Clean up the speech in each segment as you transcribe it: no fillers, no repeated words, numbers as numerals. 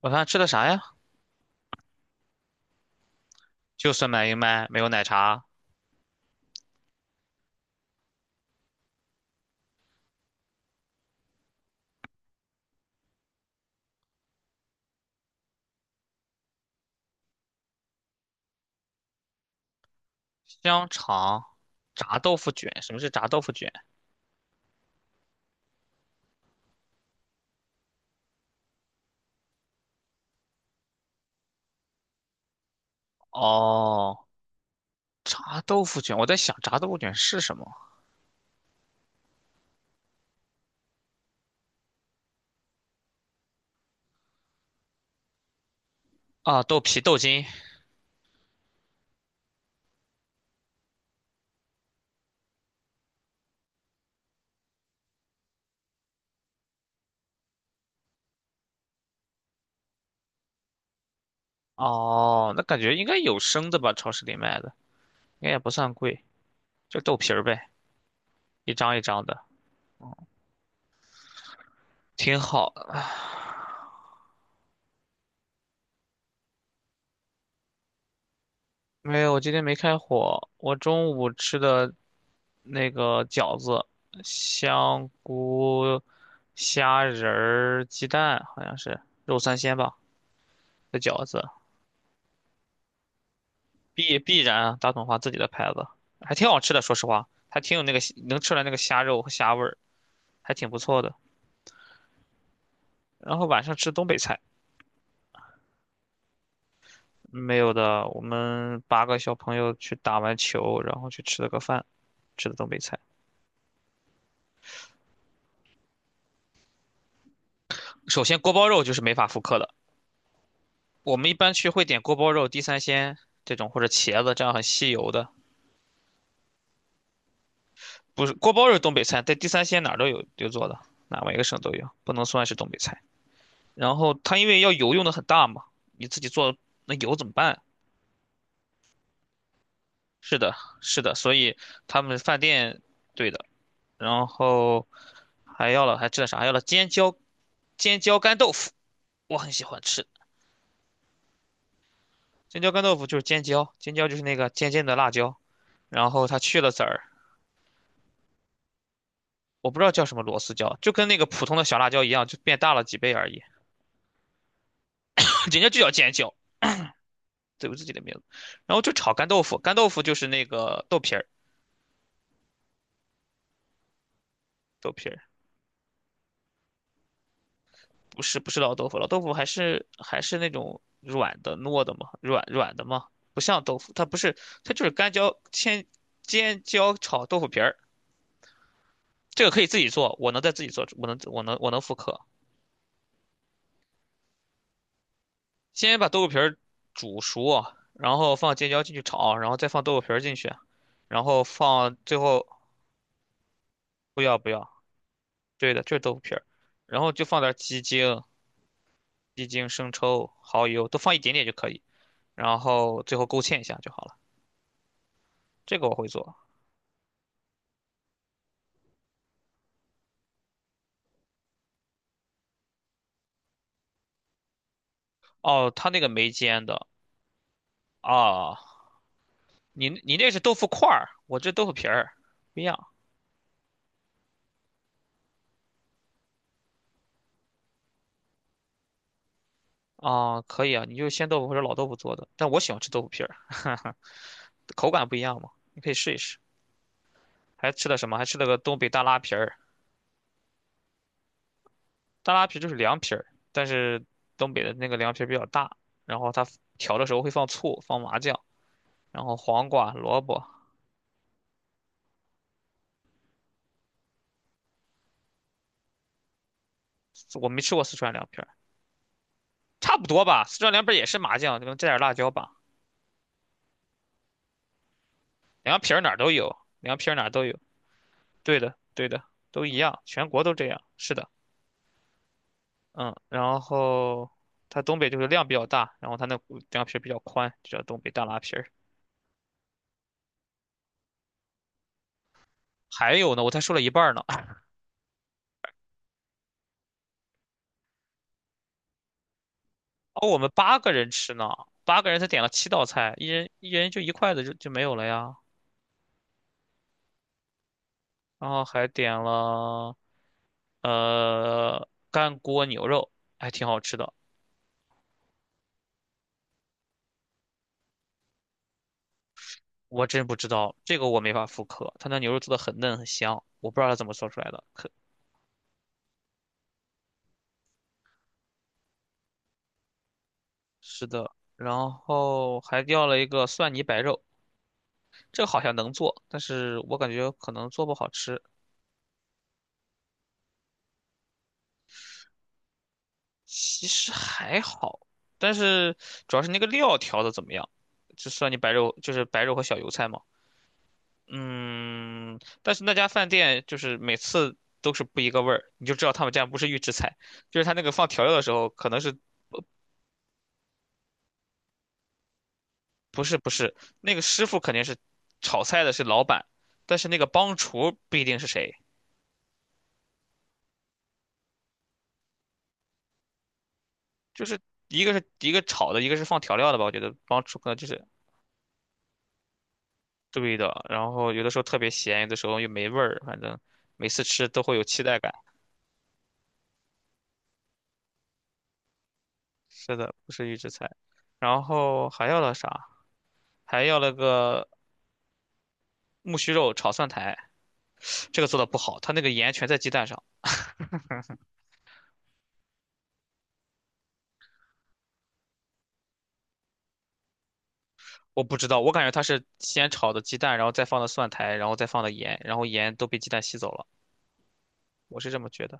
晚饭吃的啥呀？就酸奶燕麦，没有奶茶，香肠，炸豆腐卷。什么是炸豆腐卷？哦，炸豆腐卷，我在想炸豆腐卷是什么啊？豆皮、豆筋。哦，那感觉应该有生的吧？超市里卖的应该也不算贵，就豆皮儿呗，一张一张的，挺好的。没有，我今天没开火，我中午吃的那个饺子，香菇、虾仁儿、鸡蛋，好像是肉三鲜吧。的饺子，必然大统华自己的牌子，还挺好吃的。说实话，还挺有那个能吃出来那个虾肉和虾味儿，还挺不错的。然后晚上吃东北菜，没有的，我们八个小朋友去打完球，然后去吃了个饭，吃的东北菜。首先锅包肉就是没法复刻的，我们一般去会点锅包肉、地三鲜这种或者茄子这样很吸油的，不是锅包肉是东北菜，在地三鲜哪儿都有做的，哪每个省都有，不能算是东北菜。然后它因为要油用的很大嘛，你自己做那油怎么办？是的，是的，所以他们饭店对的，然后还要了还吃了啥？还要了尖椒干豆腐，我很喜欢吃尖椒干豆腐，就是尖椒，尖椒就是那个尖尖的辣椒，然后它去了籽儿，我不知道叫什么螺丝椒，就跟那个普通的小辣椒一样，就变大了几倍而已。人家就叫尖椒，对不自己的名字，然后就炒干豆腐，干豆腐就是那个豆皮儿，豆皮儿。不是不是老豆腐，老豆腐还是那种软的糯的嘛，软软的嘛，不像豆腐，它不是，它就是干椒煎尖椒炒豆腐皮儿，这个可以自己做，我能在自己做，我能复刻。先把豆腐皮儿煮熟，然后放尖椒进去炒，然后再放豆腐皮儿进去，然后放最后不要不要，对的，就是豆腐皮儿，然后就放点鸡精、生抽、蚝油，都放一点点就可以，然后最后勾芡一下就好了。这个我会做。哦，他那个没煎的啊，你你那是豆腐块儿，我这豆腐皮儿不一样啊，可以啊，你就鲜豆腐或者老豆腐做的，但我喜欢吃豆腐皮儿。口感不一样嘛，你可以试一试。还吃了什么？还吃了个东北大拉皮儿，大拉皮就是凉皮儿，但是东北的那个凉皮儿比较大，然后它调的时候会放醋、放麻酱，然后黄瓜、萝卜，我没吃过四川凉皮儿，差不多吧，四川凉皮儿也是麻酱，可能加点辣椒吧，凉皮儿哪儿都有，凉皮儿哪儿都有。对的，对的，都一样，全国都这样。是的，嗯，然后它东北就是量比较大，然后它那骨凉皮儿比较宽，就叫东北大拉皮儿。还有呢，我才说了一半儿呢。哦，我们八个人吃呢，八个人才点了7道菜，一人一人就一筷子就没有了呀。然后还点了干锅牛肉，还挺好吃的。我真不知道这个我没法复刻，它那牛肉做的很嫩很香，我不知道它怎么做出来的，是的，然后还要了一个蒜泥白肉，这个好像能做，但是我感觉可能做不好吃。其实还好，但是主要是那个料调的怎么样？就蒜泥白肉，就是白肉和小油菜嘛。嗯，但是那家饭店就是每次都是不一个味儿，你就知道他们家不是预制菜，就是他那个放调料的时候，可能是不是不是那个师傅肯定是炒菜的是老板，但是那个帮厨不一定是谁。就是一个是一个炒的，一个是放调料的吧，我觉得帮助可能就是对的。然后有的时候特别咸，有的时候又没味儿，反正每次吃都会有期待感。是的，不是预制菜。然后还要了啥？还要了个木须肉炒蒜苔，这个做的不好，它那个盐全在鸡蛋上，我不知道，我感觉它是先炒的鸡蛋，然后再放的蒜苔，然后再放的盐，然后盐都被鸡蛋吸走了，我是这么觉得。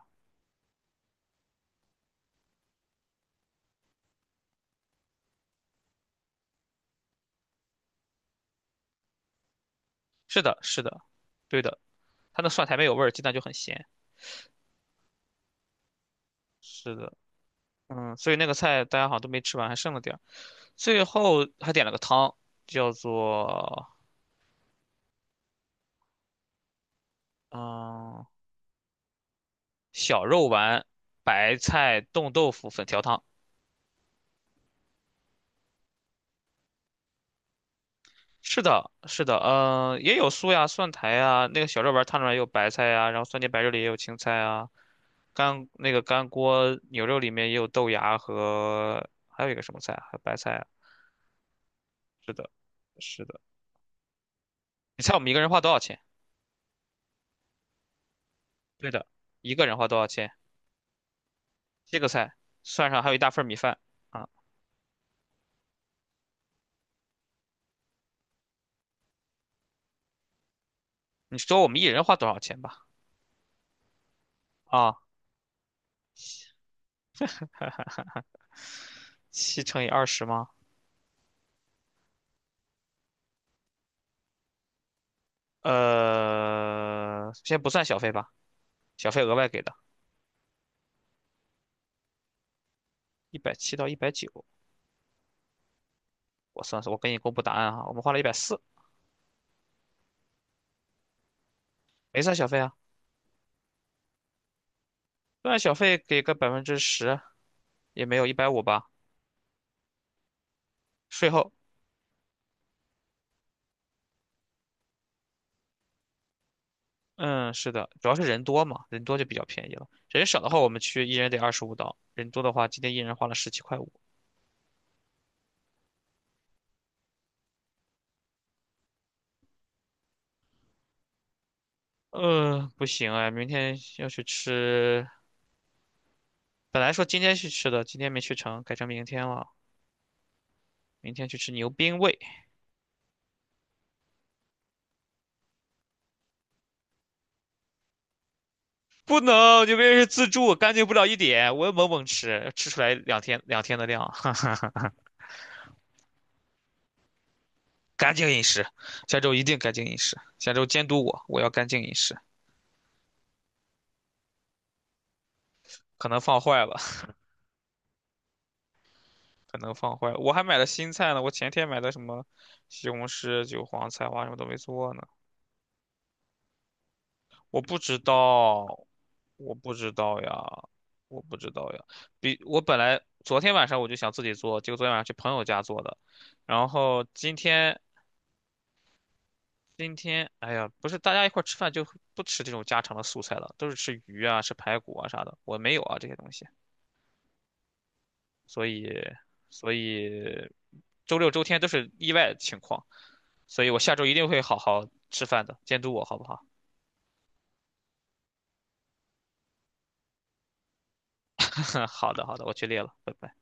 是的，是的，对的，它那蒜苔没有味儿，鸡蛋就很咸。是的。嗯，所以那个菜大家好像都没吃完，还剩了点儿。最后还点了个汤，叫做嗯小肉丸白菜冻豆腐粉条汤。是的，是的，嗯，也有酥呀、蒜苔呀，那个小肉丸汤里面也有白菜呀，然后酸甜白肉里也有青菜啊，干那个干锅牛肉里面也有豆芽和还有一个什么菜啊，还有白菜啊。是的，是的。你猜我们一个人花多少钱？对的，一个人花多少钱？这个菜算上还有一大份儿米饭。啊。你说我们一人花多少钱吧？啊，7乘以20吗？先不算小费吧，小费额外给的，170到190，我算算，我给你公布答案哈，我们花了140，没算小费啊，算小费给个10%，也没有150吧，税后，嗯，是的，主要是人多嘛，人多就比较便宜了，人少的话我们去一人得25刀，人多的话今天一人花了17.5块。不行哎，明天要去吃，本来说今天去吃的，今天没去成，改成明天了。明天去吃牛冰味，不能，牛冰是自助，干净不了一点。我要猛猛吃，吃出来两天两天的量。干净饮食，下周一定干净饮食。下周监督我，我要干净饮食。可能放坏了，可能放坏了。我还买了新菜呢，我前天买的什么西红柿、韭黄、菜花什么都没做呢。我不知道，我不知道呀，我不知道呀。比我本来昨天晚上我就想自己做，结果昨天晚上去朋友家做的，然后今天，哎呀，不是大家一块儿吃饭就不吃这种家常的素菜了，都是吃鱼啊、吃排骨啊啥的。我没有啊这些东西，所以，所以周六周天都是意外情况，所以我下周一定会好好吃饭的，监督我好不好？好的，好的，我去列了。拜拜。